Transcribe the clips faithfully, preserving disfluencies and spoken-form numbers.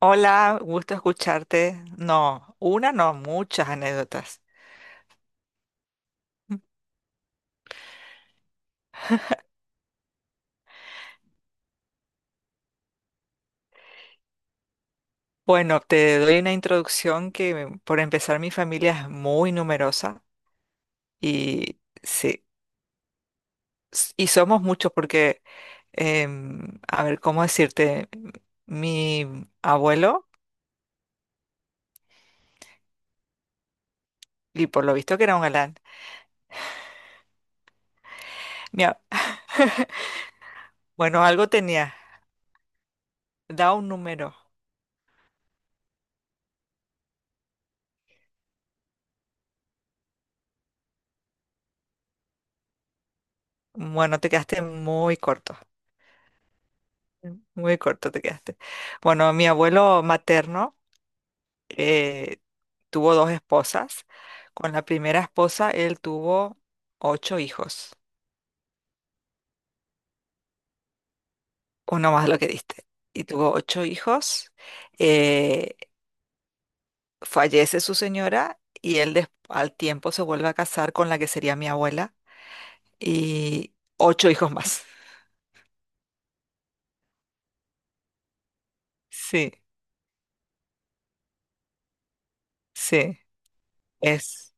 Hola, gusto escucharte. No, una no, muchas anécdotas. Bueno, te doy una introducción que por empezar mi familia es muy numerosa y sí, s- y somos muchos porque, em, a ver, ¿cómo decirte? Mi abuelo, y por lo visto que era un galán, mi a- bueno, algo tenía, da un número. Bueno, te quedaste muy corto, muy corto te quedaste. Bueno, mi abuelo materno, eh, tuvo dos esposas. Con la primera esposa él tuvo ocho hijos, uno más lo que diste, y tuvo ocho hijos. Eh, Fallece su señora y él des- al tiempo se vuelve a casar con la que sería mi abuela y ocho hijos más. Sí, sí, es.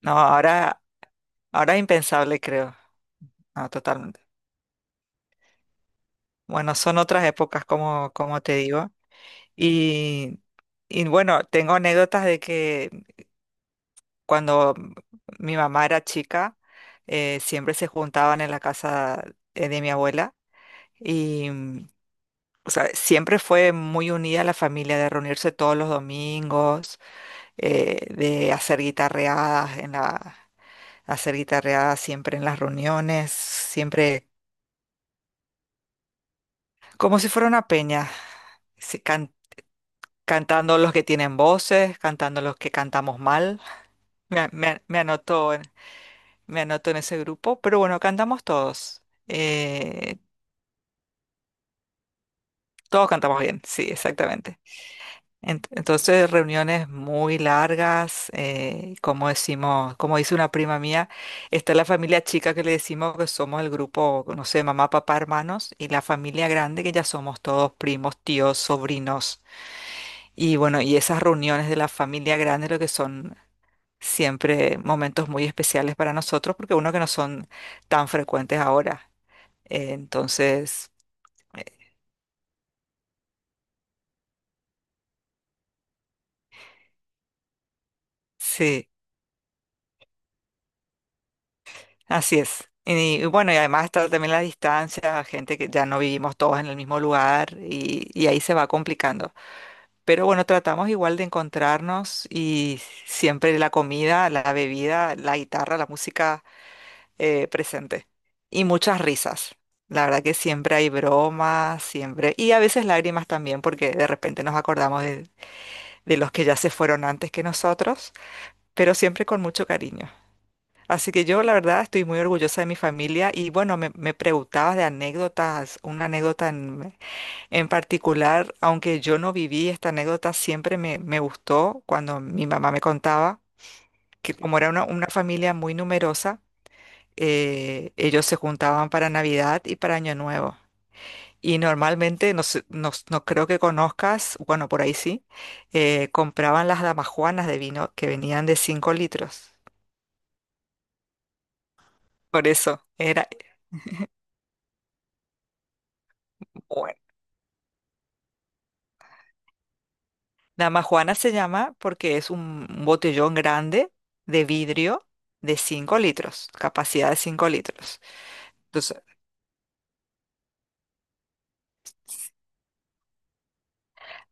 No, ahora, ahora es impensable, creo. No, totalmente. Bueno, son otras épocas, como, como te digo. Y, y bueno, tengo anécdotas de que cuando mi mamá era chica, eh, siempre se juntaban en la casa eh, de mi abuela y, mm, o sea, siempre fue muy unida la familia de reunirse todos los domingos, eh, de hacer guitarreadas en la, hacer guitarreadas siempre en las reuniones, siempre como si fuera una peña, se can- cantando los que tienen voces, cantando los que cantamos mal. Me, a- me a- me anotó Me anoto en ese grupo, pero bueno, cantamos todos. Eh, Todos cantamos bien, sí, exactamente. Ent- Entonces, reuniones muy largas, eh, como decimos, como dice una prima mía, está la familia chica que le decimos que somos el grupo, no sé, mamá, papá, hermanos, y la familia grande que ya somos todos primos, tíos, sobrinos. Y bueno, y esas reuniones de la familia grande lo que son siempre momentos muy especiales para nosotros, porque uno que no son tan frecuentes ahora. Eh, entonces, eh, sí, así es. Y, y bueno, y además está también la distancia, gente que ya no vivimos todos en el mismo lugar y, y ahí se va complicando. Pero bueno, tratamos igual de encontrarnos y siempre la comida, la bebida, la guitarra, la música eh, presente. Y muchas risas. La verdad que siempre hay bromas, siempre. Y a veces lágrimas también, porque de repente nos acordamos de de los que ya se fueron antes que nosotros, pero siempre con mucho cariño. Así que yo, la verdad, estoy muy orgullosa de mi familia y bueno, me, me preguntabas de anécdotas, una anécdota en, en particular, aunque yo no viví esta anécdota, siempre me, me gustó cuando mi mamá me contaba que como era una, una familia muy numerosa, eh, ellos se juntaban para Navidad y para Año Nuevo. Y normalmente, no, sé- no, no creo que conozcas, bueno, por ahí sí, eh, compraban las damajuanas de vino que venían de cinco litros. Por eso, era. Damajuana se llama porque es un un botellón grande de vidrio de cinco litros, capacidad de cinco litros. Entonces,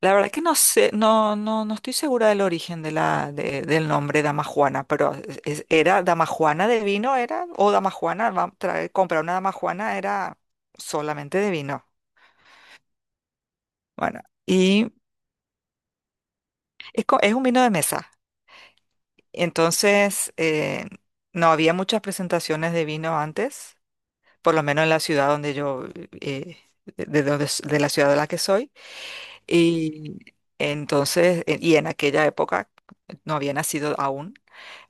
la verdad que no sé, no, no, no estoy segura del origen de la, de- del nombre Damajuana, pero es- era Damajuana de vino, era, o Damajuana, va a traer- comprar una Damajuana era solamente de vino. Bueno, y es, co- es un vino de mesa. Entonces, eh, no había muchas presentaciones de vino antes por lo menos en la ciudad donde yo, eh, de, de donde s- de la ciudad de la que soy. Y entonces, eh, y en aquella época, no había nacido aún,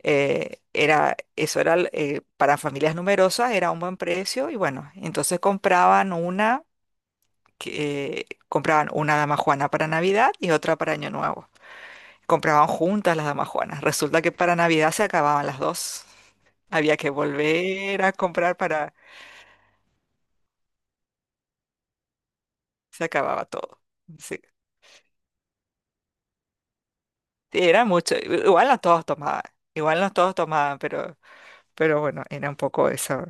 eh, era, eso era, l- eh, para familias numerosas era un buen precio y bueno, entonces compraban una, que, eh, compraban una dama juana para Navidad y otra para Año Nuevo. Compraban juntas las damas juanas. Resulta que para Navidad se acababan las dos. Había que volver a comprar para. Se acababa todo. Sí. Sí, era mucho, igual no todos tomaban, igual no todos tomaban, pero, pero bueno, era un poco eso.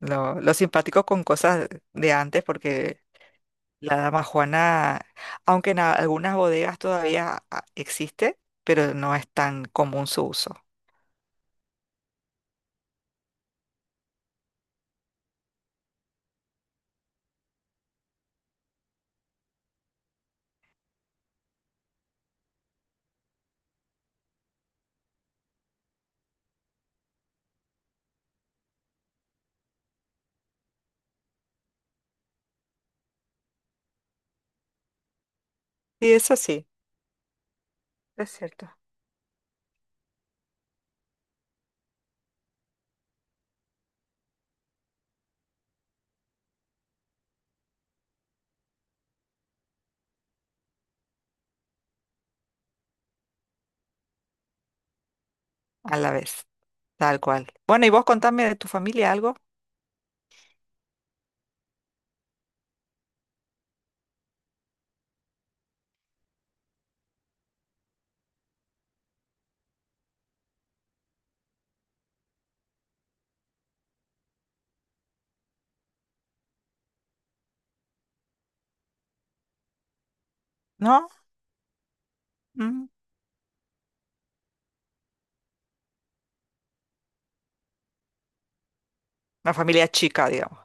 Lo, lo simpático con cosas de antes, porque la dama Juana, aunque en a- algunas bodegas todavía ah, existe, pero no es tan común su uso. Y eso sí, es cierto. A la vez, tal cual. Bueno, y vos contame de tu familia algo, ¿no? Mm, una familia chica, digamos.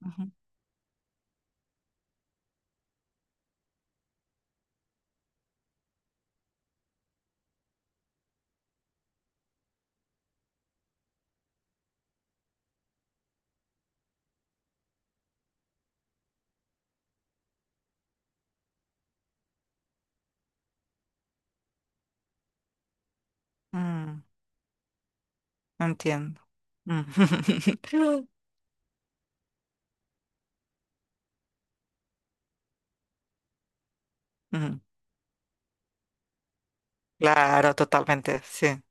Ujú. Mm, entiendo. Mm. Mm. Claro, totalmente, sí.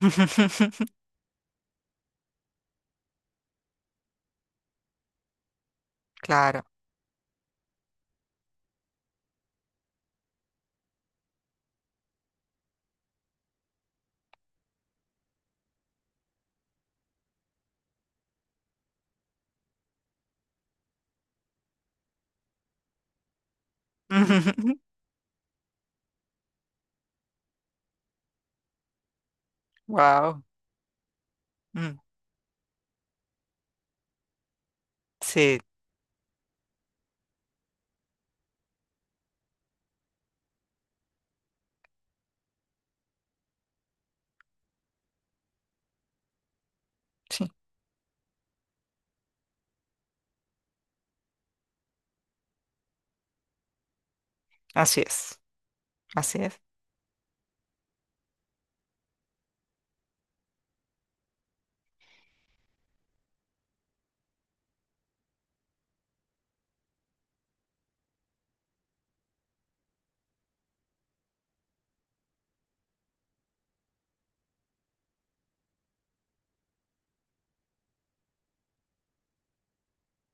Claro. Wow. Sí, sí, así es, así es.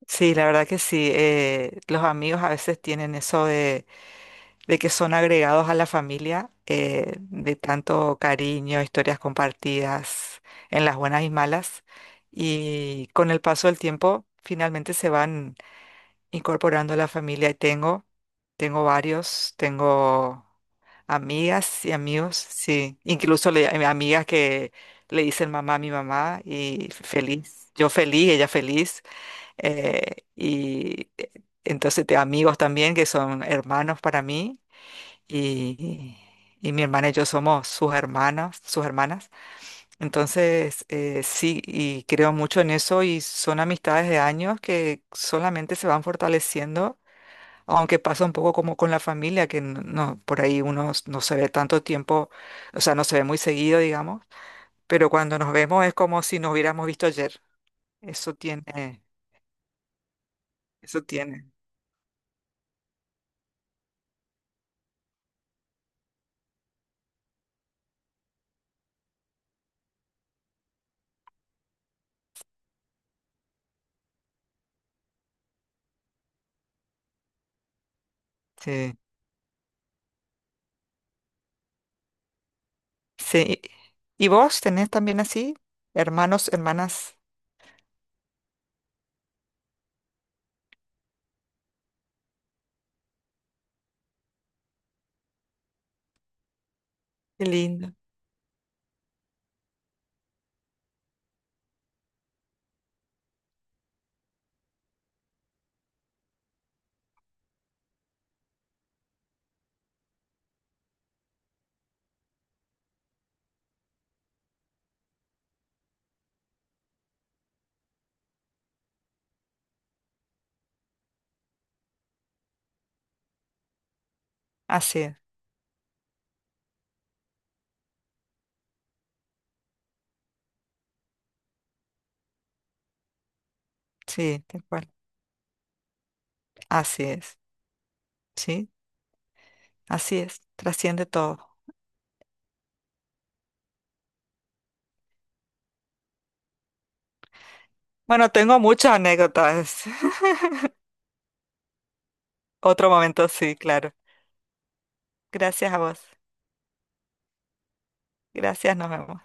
Sí, la verdad que sí. Eh, los amigos a veces tienen eso de, de que son agregados a la familia, eh, de tanto cariño, historias compartidas en las buenas y malas. Y con el paso del tiempo, finalmente se van incorporando a la familia y tengo, tengo, varios, tengo amigas y amigos, sí, incluso le- eh, amigas que le dicen mamá a mi mamá y feliz, yo feliz, ella feliz, eh, y eh, entonces tengo amigos también que son hermanos para mí y... Y mi hermana y yo somos sus hermanos sus hermanas. Entonces, eh, sí, y creo mucho en eso y son amistades de años que solamente se van fortaleciendo aunque pasa un poco como con la familia, que n- no, por ahí uno s- no se ve tanto tiempo, o sea, no se ve muy seguido, digamos, pero cuando nos vemos es como si nos hubiéramos visto ayer. Eso tiene, eso tiene. Sí. Sí. ¿Y vos tenés también así? Hermanos, hermanas. Qué lindo. Así es. Sí, tal cual. Así es. Sí, así es. Trasciende todo. Bueno, tengo muchas anécdotas. Otro momento, sí, claro. Gracias a vos. Gracias, nos vemos.